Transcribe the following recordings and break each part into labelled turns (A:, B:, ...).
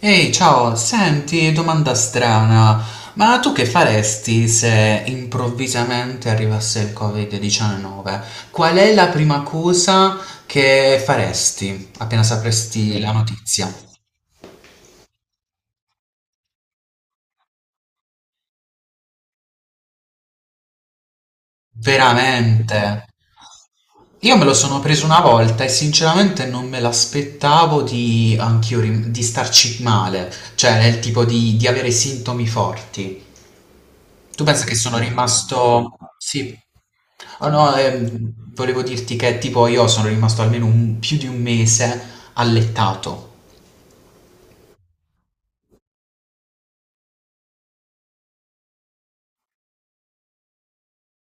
A: Ehi, ciao, senti, domanda strana, ma tu che faresti se improvvisamente arrivasse il Covid-19? Qual è la prima cosa che faresti appena sapresti la notizia? Veramente? Io me lo sono preso una volta e sinceramente non me l'aspettavo di, di starci male, cioè nel tipo di avere sintomi forti. Tu pensa che sono rimasto... Sì. Ah, no, Volevo dirti che tipo io sono rimasto più di un mese allettato.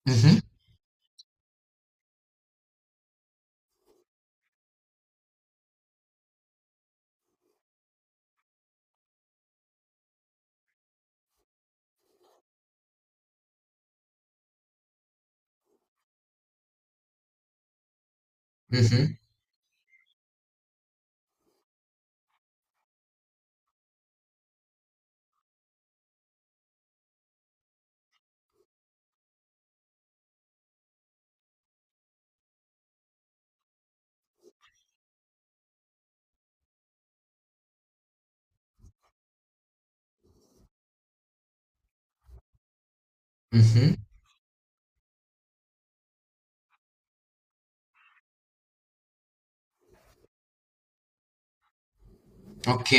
A: Mhm, mhm, mhm. Ok.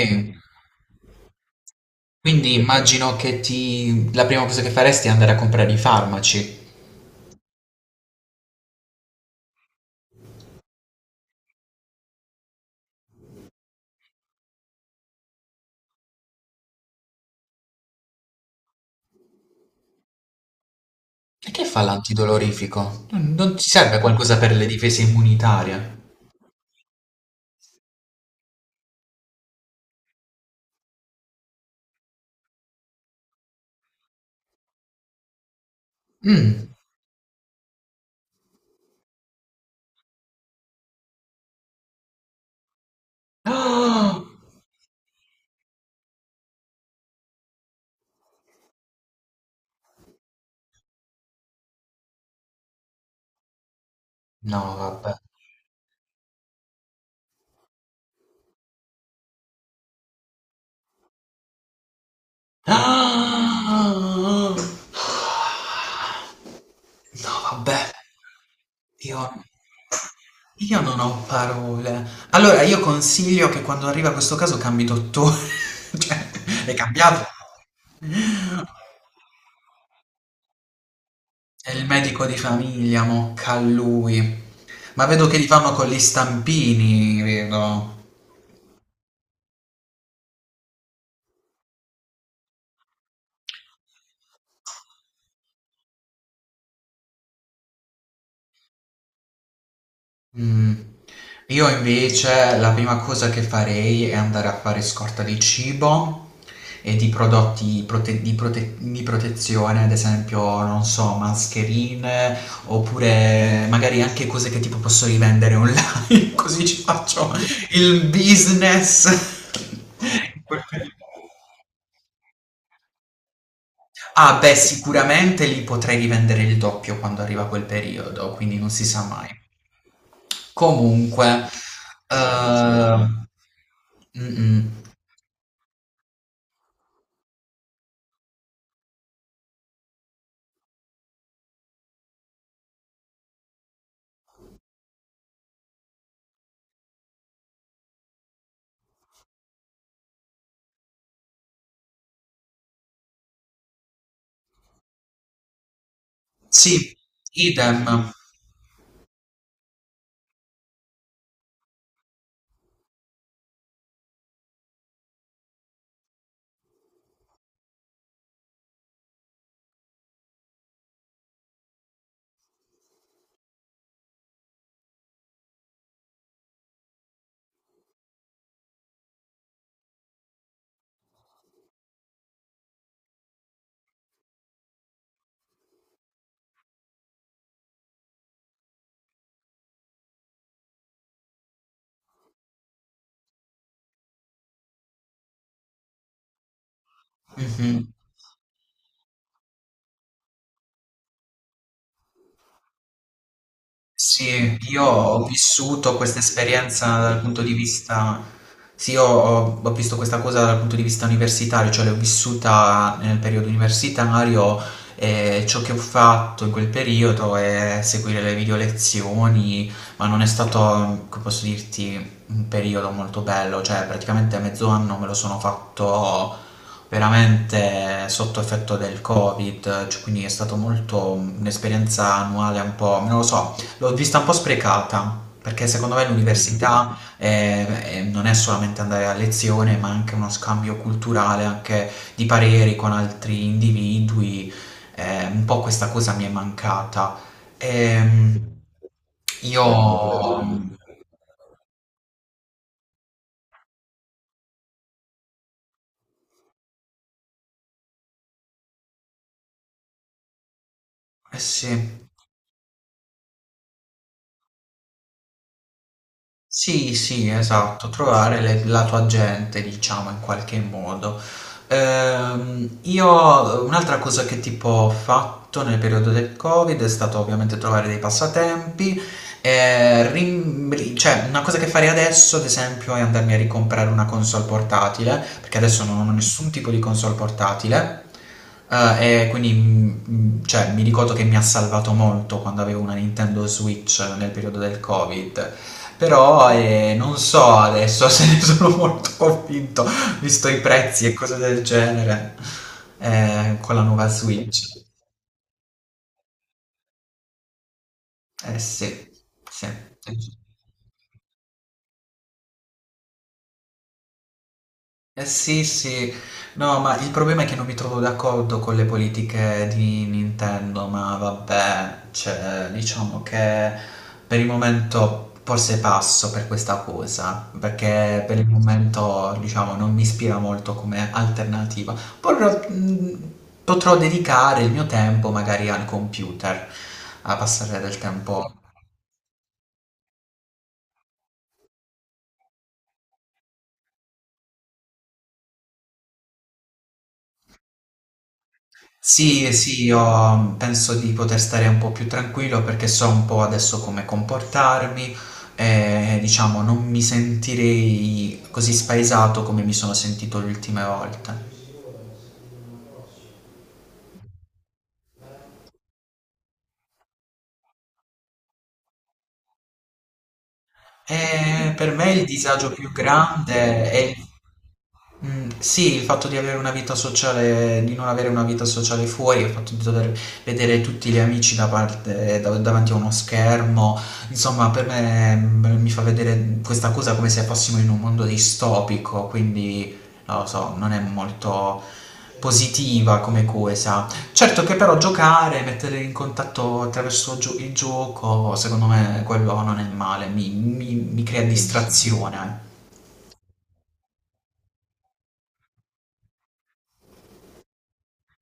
A: Quindi immagino che ti... la prima cosa che faresti è andare a comprare i farmaci. E che fa l'antidolorifico? Non ti serve qualcosa per le difese immunitarie? Mm. Ah! No, vabbè. Ah! No, vabbè. Io io non ho parole. Allora, io consiglio che quando arriva questo caso cambi dottore. Cioè, è cambiato? È il medico di famiglia, mocca a lui. Ma vedo che li fanno con gli stampini, vedo. Mh. Io invece la prima cosa che farei è andare a fare scorta di cibo e di prodotti prote di protezione, ad esempio, non so, mascherine, oppure magari anche cose che tipo posso rivendere online, così ci faccio il business. Ah beh, sicuramente lì potrei rivendere il doppio quando arriva quel periodo, quindi non si sa mai. Comunque, beh, considera. ehm, mm, mm. Sì, idem. Mhm. Sì, io ho vissuto questa esperienza dal punto di vista, sì, ho visto questa cosa dal punto di vista universitario, cioè l'ho vissuta nel periodo universitario e ciò che ho fatto in quel periodo è seguire le video lezioni, ma non è stato, come posso dirti, un periodo molto bello, cioè praticamente mezzo anno me lo sono fatto veramente sotto effetto del Covid, cioè, quindi è stato molto un'esperienza annuale un po', non lo so, l'ho vista un po' sprecata, perché secondo me l'università non è solamente andare a lezione, ma anche uno scambio culturale, anche di pareri con altri individui. Un po' questa cosa mi è mancata. Ehm, Certo, io... quello è vero. Eh sì. Sì, sì, esatto, trovare la tua gente, diciamo, in qualche modo. Io un'altra cosa che tipo ho fatto nel periodo del Covid è stato ovviamente trovare dei passatempi. Cioè, una cosa che farei adesso, ad esempio, è andarmi a ricomprare una console portatile, perché adesso non ho nessun tipo di console portatile. E quindi cioè, mi ricordo che mi ha salvato molto quando avevo una Nintendo Switch nel periodo del Covid. Però non so adesso se ne sono molto convinto, visto i prezzi e cose del genere, con la nuova Switch. Eh sì, sì. Sì. Eh sì, sì, no, ma il problema è che non mi trovo d'accordo con le politiche di Nintendo, ma vabbè, cioè, diciamo che per il momento forse passo per questa cosa, perché per il momento, diciamo, non mi ispira molto come alternativa. Potrò, mh, Potrò dedicare il mio tempo magari al computer, a passare del tempo. Sì, sì, io penso di poter stare un po' più tranquillo perché so un po' adesso come comportarmi e diciamo non mi sentirei così spaesato come mi sono sentito le ultime volte. E per me il disagio più grande è il mhmm, sì, il fatto di avere una vita sociale, di non avere una vita sociale fuori, il fatto di dover vedere tutti gli amici da davanti a uno schermo, insomma per me, mhmm, mi fa vedere questa cosa come se fossimo in un mondo distopico, quindi non lo so, non è molto positiva come cosa. Certo che però giocare, mettere in contatto attraverso gio il gioco, secondo me quello non è male, mi crea Dici? Distrazione.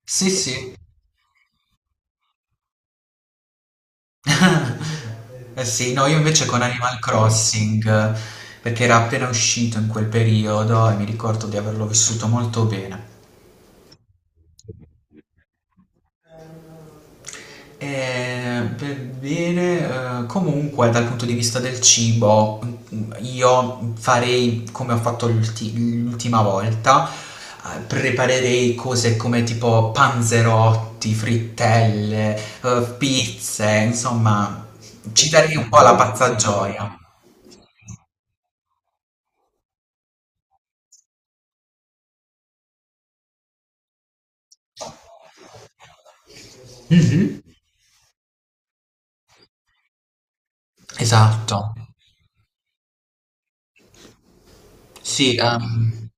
A: Sì, sì. Eh sì, no, io invece con Animal Crossing, perché era appena uscito in quel periodo e mi ricordo di averlo vissuto molto bene. Per bene, comunque dal punto di vista del cibo, mm, io farei come ho fatto l'ultima volta, preparerei cose come tipo panzerotti, frittelle, pizze, insomma, ci darei un po' la Buono, pazzagioia. Esatto. Sì,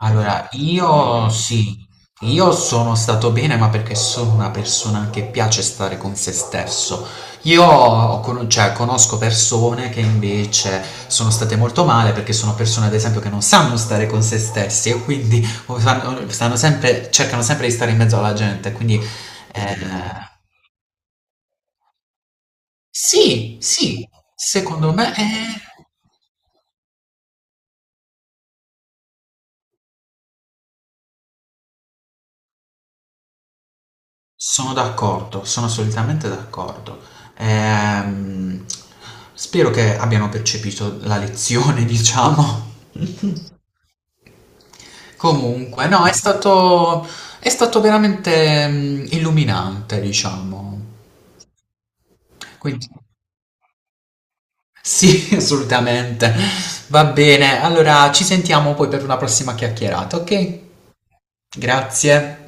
A: allora io sì, io sono stato bene, ma perché sono una persona che piace stare con se stesso. Io cioè, conosco persone che invece sono state molto male perché sono persone, ad esempio, che non sanno stare con se stessi e quindi stanno sempre, cercano sempre di stare in mezzo alla gente. Quindi eh, sì, sì, secondo me è. Sono d'accordo, sono assolutamente d'accordo. Ehm, Spero che abbiano percepito la lezione, diciamo. Comunque, no, è stato veramente illuminante, diciamo. Quindi, sì, assolutamente. Va bene, allora ci sentiamo poi per una prossima chiacchierata, ok? Grazie.